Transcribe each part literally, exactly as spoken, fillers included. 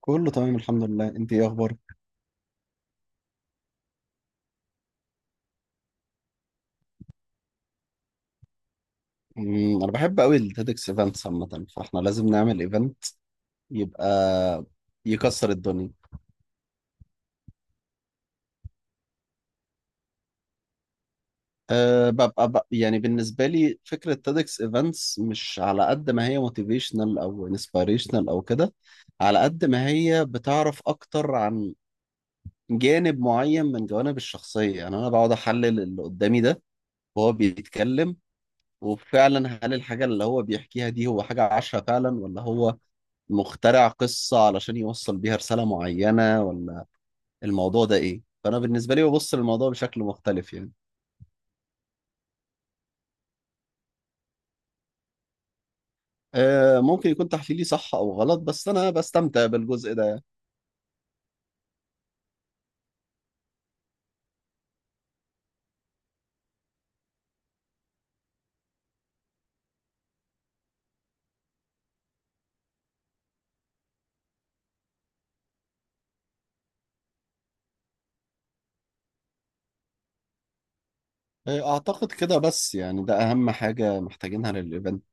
كله تمام الحمد لله، انت ايه اخبارك؟ امم، انا بحب قوي التيدكس ايفنتس عامه، فاحنا لازم نعمل ايفنت يبقى يكسر الدنيا. أه، ببقى بق- يعني بالنسبه لي فكره تيدكس ايفنتس مش على قد ما هي موتيفيشنال او انسبيريشنال او كده، على قد ما هي بتعرف اكتر عن جانب معين من جوانب الشخصيه. يعني انا بقعد احلل اللي قدامي ده وهو بيتكلم، وفعلا هل الحاجه اللي هو بيحكيها دي هو حاجه عاشها فعلا، ولا هو مخترع قصة علشان يوصل بيها رسالة معينة، ولا الموضوع ده إيه؟ فأنا بالنسبة لي ببص للموضوع بشكل مختلف يعني. آه، ممكن يكون تحليلي صح أو غلط، بس أنا بستمتع بالجزء ده يعني. آه، أعتقد كده، بس يعني ده أهم حاجة محتاجينها للإيفنت.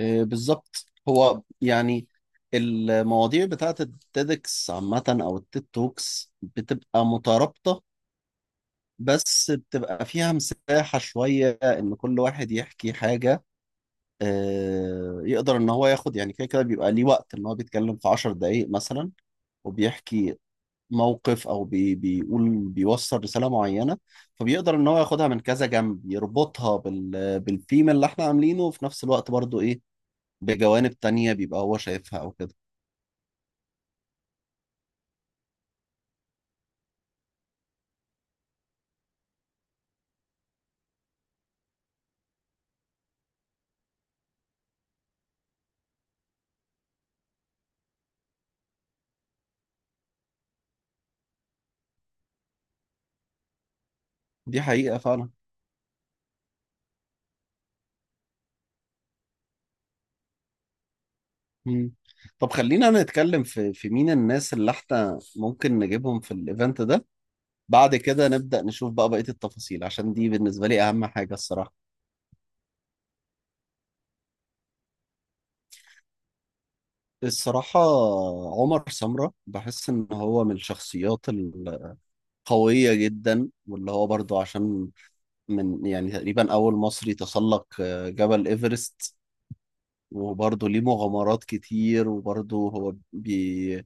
آه، بالظبط. هو يعني المواضيع بتاعة التيدكس عامة أو التيد توكس بتبقى مترابطة، بس بتبقى فيها مساحة شوية إن كل واحد يحكي حاجة. آه، يقدر ان هو ياخد، يعني كده كده بيبقى ليه وقت ان هو بيتكلم في عشر دقايق مثلا وبيحكي موقف او بي بيقول بيوصل رسالة معينة، فبيقدر ان هو ياخدها من كذا جنب، يربطها بال بالثيم اللي احنا عاملينه، وفي نفس الوقت برضو ايه، بجوانب تانية بيبقى هو شايفها او كده. دي حقيقة فعلا. مم. طب خلينا نتكلم في في مين الناس اللي احنا ممكن نجيبهم في الايفنت ده، بعد كده نبدأ نشوف بقى بقية التفاصيل، عشان دي بالنسبة لي اهم حاجة الصراحة الصراحة عمر سمرة بحس إن هو من الشخصيات القوية جدا، واللي هو برضو عشان من يعني تقريبا أول مصري تسلق آه، جبل إيفرست، وبرضه ليه مغامرات كتير، وبرضه هو بي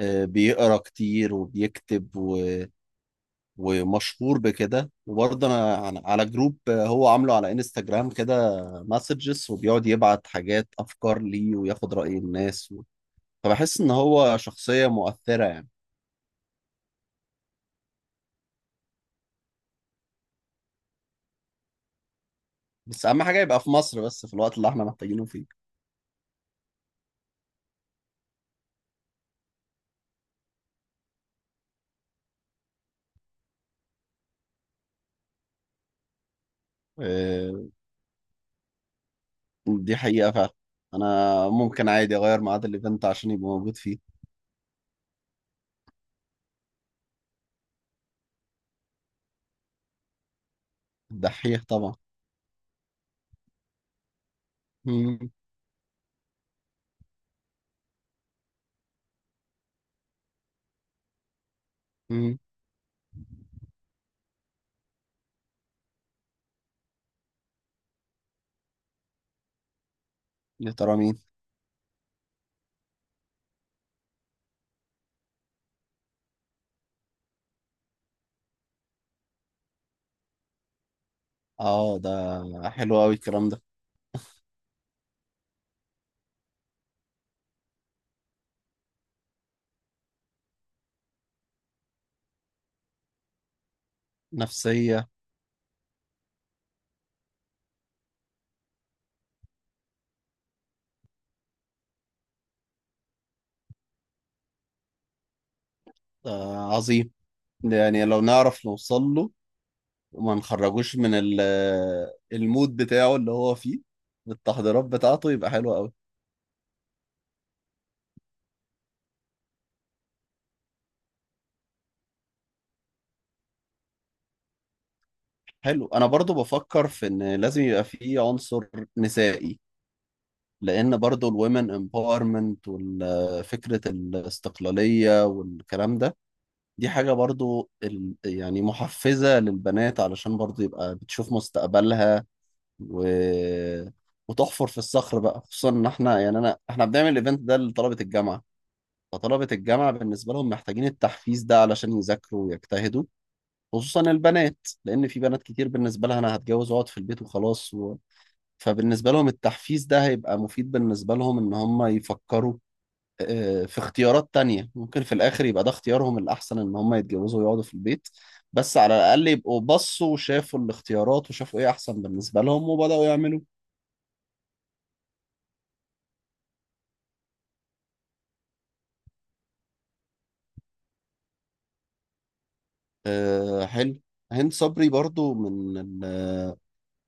آه، بيقرأ كتير وبيكتب و... ومشهور بكده. وبرضه أنا على على جروب آه، هو عامله على انستجرام، كده مسجز، وبيقعد يبعت حاجات أفكار ليه وياخد رأي الناس. و... فبحس إن هو شخصية مؤثرة يعني. بس اهم حاجه يبقى في مصر، بس في الوقت اللي احنا محتاجينه فيه. آه، دي حقيقه فعلا. انا ممكن عادي اغير ميعاد الايفنت عشان يبقى موجود فيه. الدحيح طبعا. مم. مم. يا ترى مين؟ اه، ده حلو قوي الكلام ده. نفسيه. ده عظيم. ده يعني لو نعرف نوصل له وما نخرجوش من ال- المود بتاعه اللي هو فيه بالتحضيرات بتاعته، يبقى حلو قوي. حلو، انا برضو بفكر في ان لازم يبقى فيه عنصر نسائي، لان برضو الومن امباورمنت وفكره الاستقلاليه والكلام ده، دي حاجه برضو ال- يعني محفزه للبنات، علشان برضو يبقى بتشوف مستقبلها و وتحفر في الصخر بقى، خصوصا ان احنا يعني انا احنا بنعمل الايفنت ده لطلبه الجامعه. فطلبه الجامعه بالنسبه لهم محتاجين التحفيز ده علشان يذاكروا ويجتهدوا، خصوصا البنات. لان في بنات كتير بالنسبه لها انا هتجوز واقعد في البيت وخلاص. فبالنسبة لهم التحفيز ده هيبقى مفيد بالنسبة لهم إن هم يفكروا، آه، في اختيارات تانية، ممكن في الآخر يبقى ده اختيارهم الأحسن إن هم يتجوزوا ويقعدوا في البيت، بس على الأقل يبقوا بصوا وشافوا الاختيارات وشافوا إيه أحسن بالنسبة لهم وبدأوا يعملوا. آه، حلو. هند صبري برضو من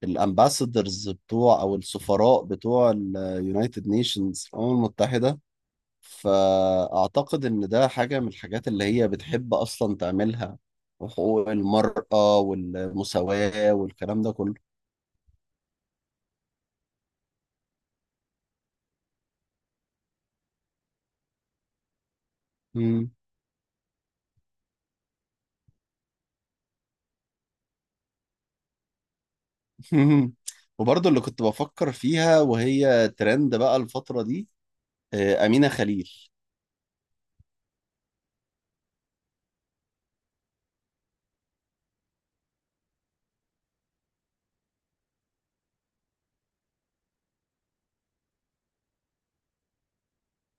الأمباسادرز بتوع، أو السفراء بتوع اليونايتد نيشنز، الأمم المتحدة. فأعتقد إن ده حاجة من الحاجات اللي هي بتحب أصلا تعملها، وحقوق المرأة والمساواة والكلام ده كله. مم. وبرضه اللي كنت بفكر فيها وهي ترند بقى الفترة دي، آه، أمينة خليل.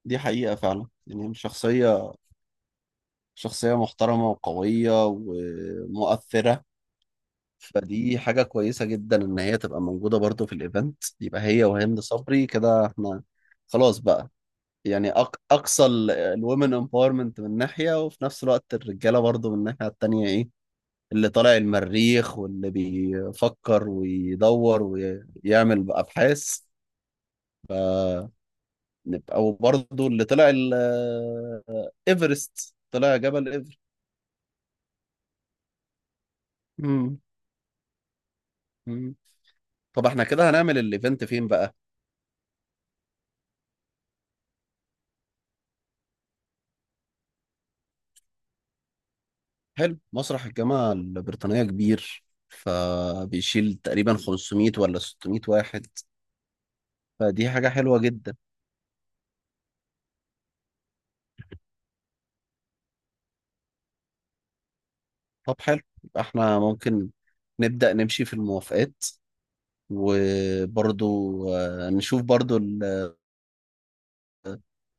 دي حقيقة فعلا، يعني شخصية شخصية محترمة وقوية ومؤثرة. فدي حاجة كويسة جدا إن هي تبقى موجودة برضه في الإيفنت، يبقى هي وهند صبري كده إحنا خلاص بقى. يعني أق... اقصى الومن امباورمنت من ناحيه، وفي نفس الوقت الرجاله برضو من الناحيه التانيه، ايه اللي طالع المريخ واللي بيفكر ويدور ويعمل ابحاث نبقى، وبرضو اللي طلع ال- ايفرست، طلع جبل ايفر مم. مم. طب احنا كده هنعمل الايفنت فين بقى؟ حلو، مسرح الجامعة البريطانية كبير، فبيشيل تقريبا خمسمائة ولا ستمائة واحد، فدي حاجة حلوة جدا. طب حلو، يبقى احنا ممكن نبدأ نمشي في الموافقات، وبرضو آه، نشوف برضو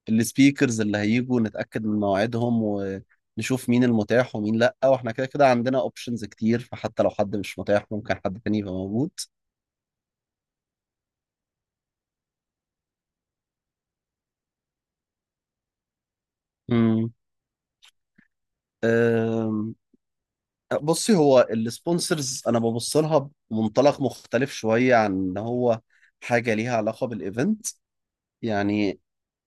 السبيكرز اللي هيجوا، نتأكد من مواعيدهم ونشوف مين المتاح ومين لأ، واحنا كده كده عندنا اوبشنز كتير، فحتى لو حد مش متاح ممكن حد تاني يبقى موجود. امم. أم، بصي هو السبونسرز انا ببص لها بمنطلق مختلف شوية عن ان هو حاجة ليها علاقة بالايفنت يعني.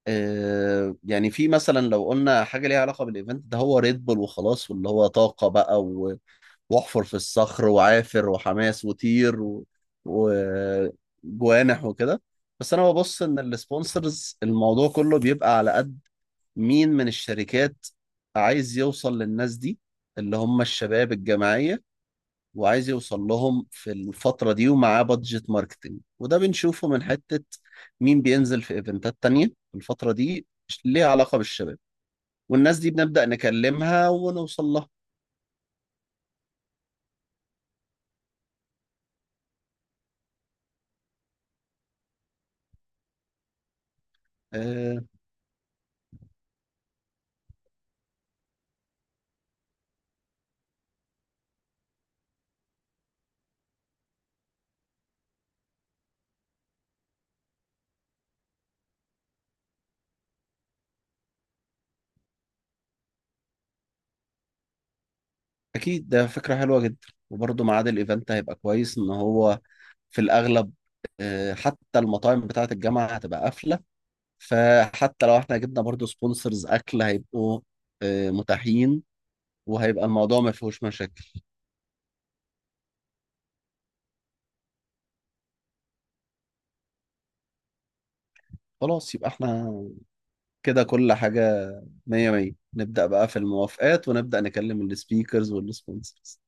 آه، يعني في مثلا لو قلنا حاجة ليها علاقة بالإيفنت ده هو ريد بول وخلاص، واللي هو طاقة بقى و- واحفر في الصخر وعافر وحماس وطير و- وجوانح وكده. بس أنا ببص إن السبونسرز الموضوع كله بيبقى على قد مين من الشركات عايز يوصل للناس دي، اللي هم الشباب الجماعية، وعايز يوصل لهم في الفترة دي ومعاه بادجت ماركتنج. وده بنشوفه من حتة مين بينزل في ايفنتات تانية في الفترة دي ليها علاقة بالشباب، والناس دي بنبدأ نكلمها ونوصل لها. آه، أكيد ده فكرة حلوة جدا. وبرضه ميعاد الايفنت هيبقى كويس، إن هو في الأغلب آه، حتى المطاعم بتاعة الجامعة هتبقى قافلة، فحتى لو احنا جبنا برضه سبونسرز أكل هيبقوا آه، متاحين، وهيبقى الموضوع ما فيهوش مشاكل. خلاص يبقى احنا كده كل حاجة مية مية، نبدأ بقى في الموافقات ونبدأ نكلم السبيكرز والسبونسرز.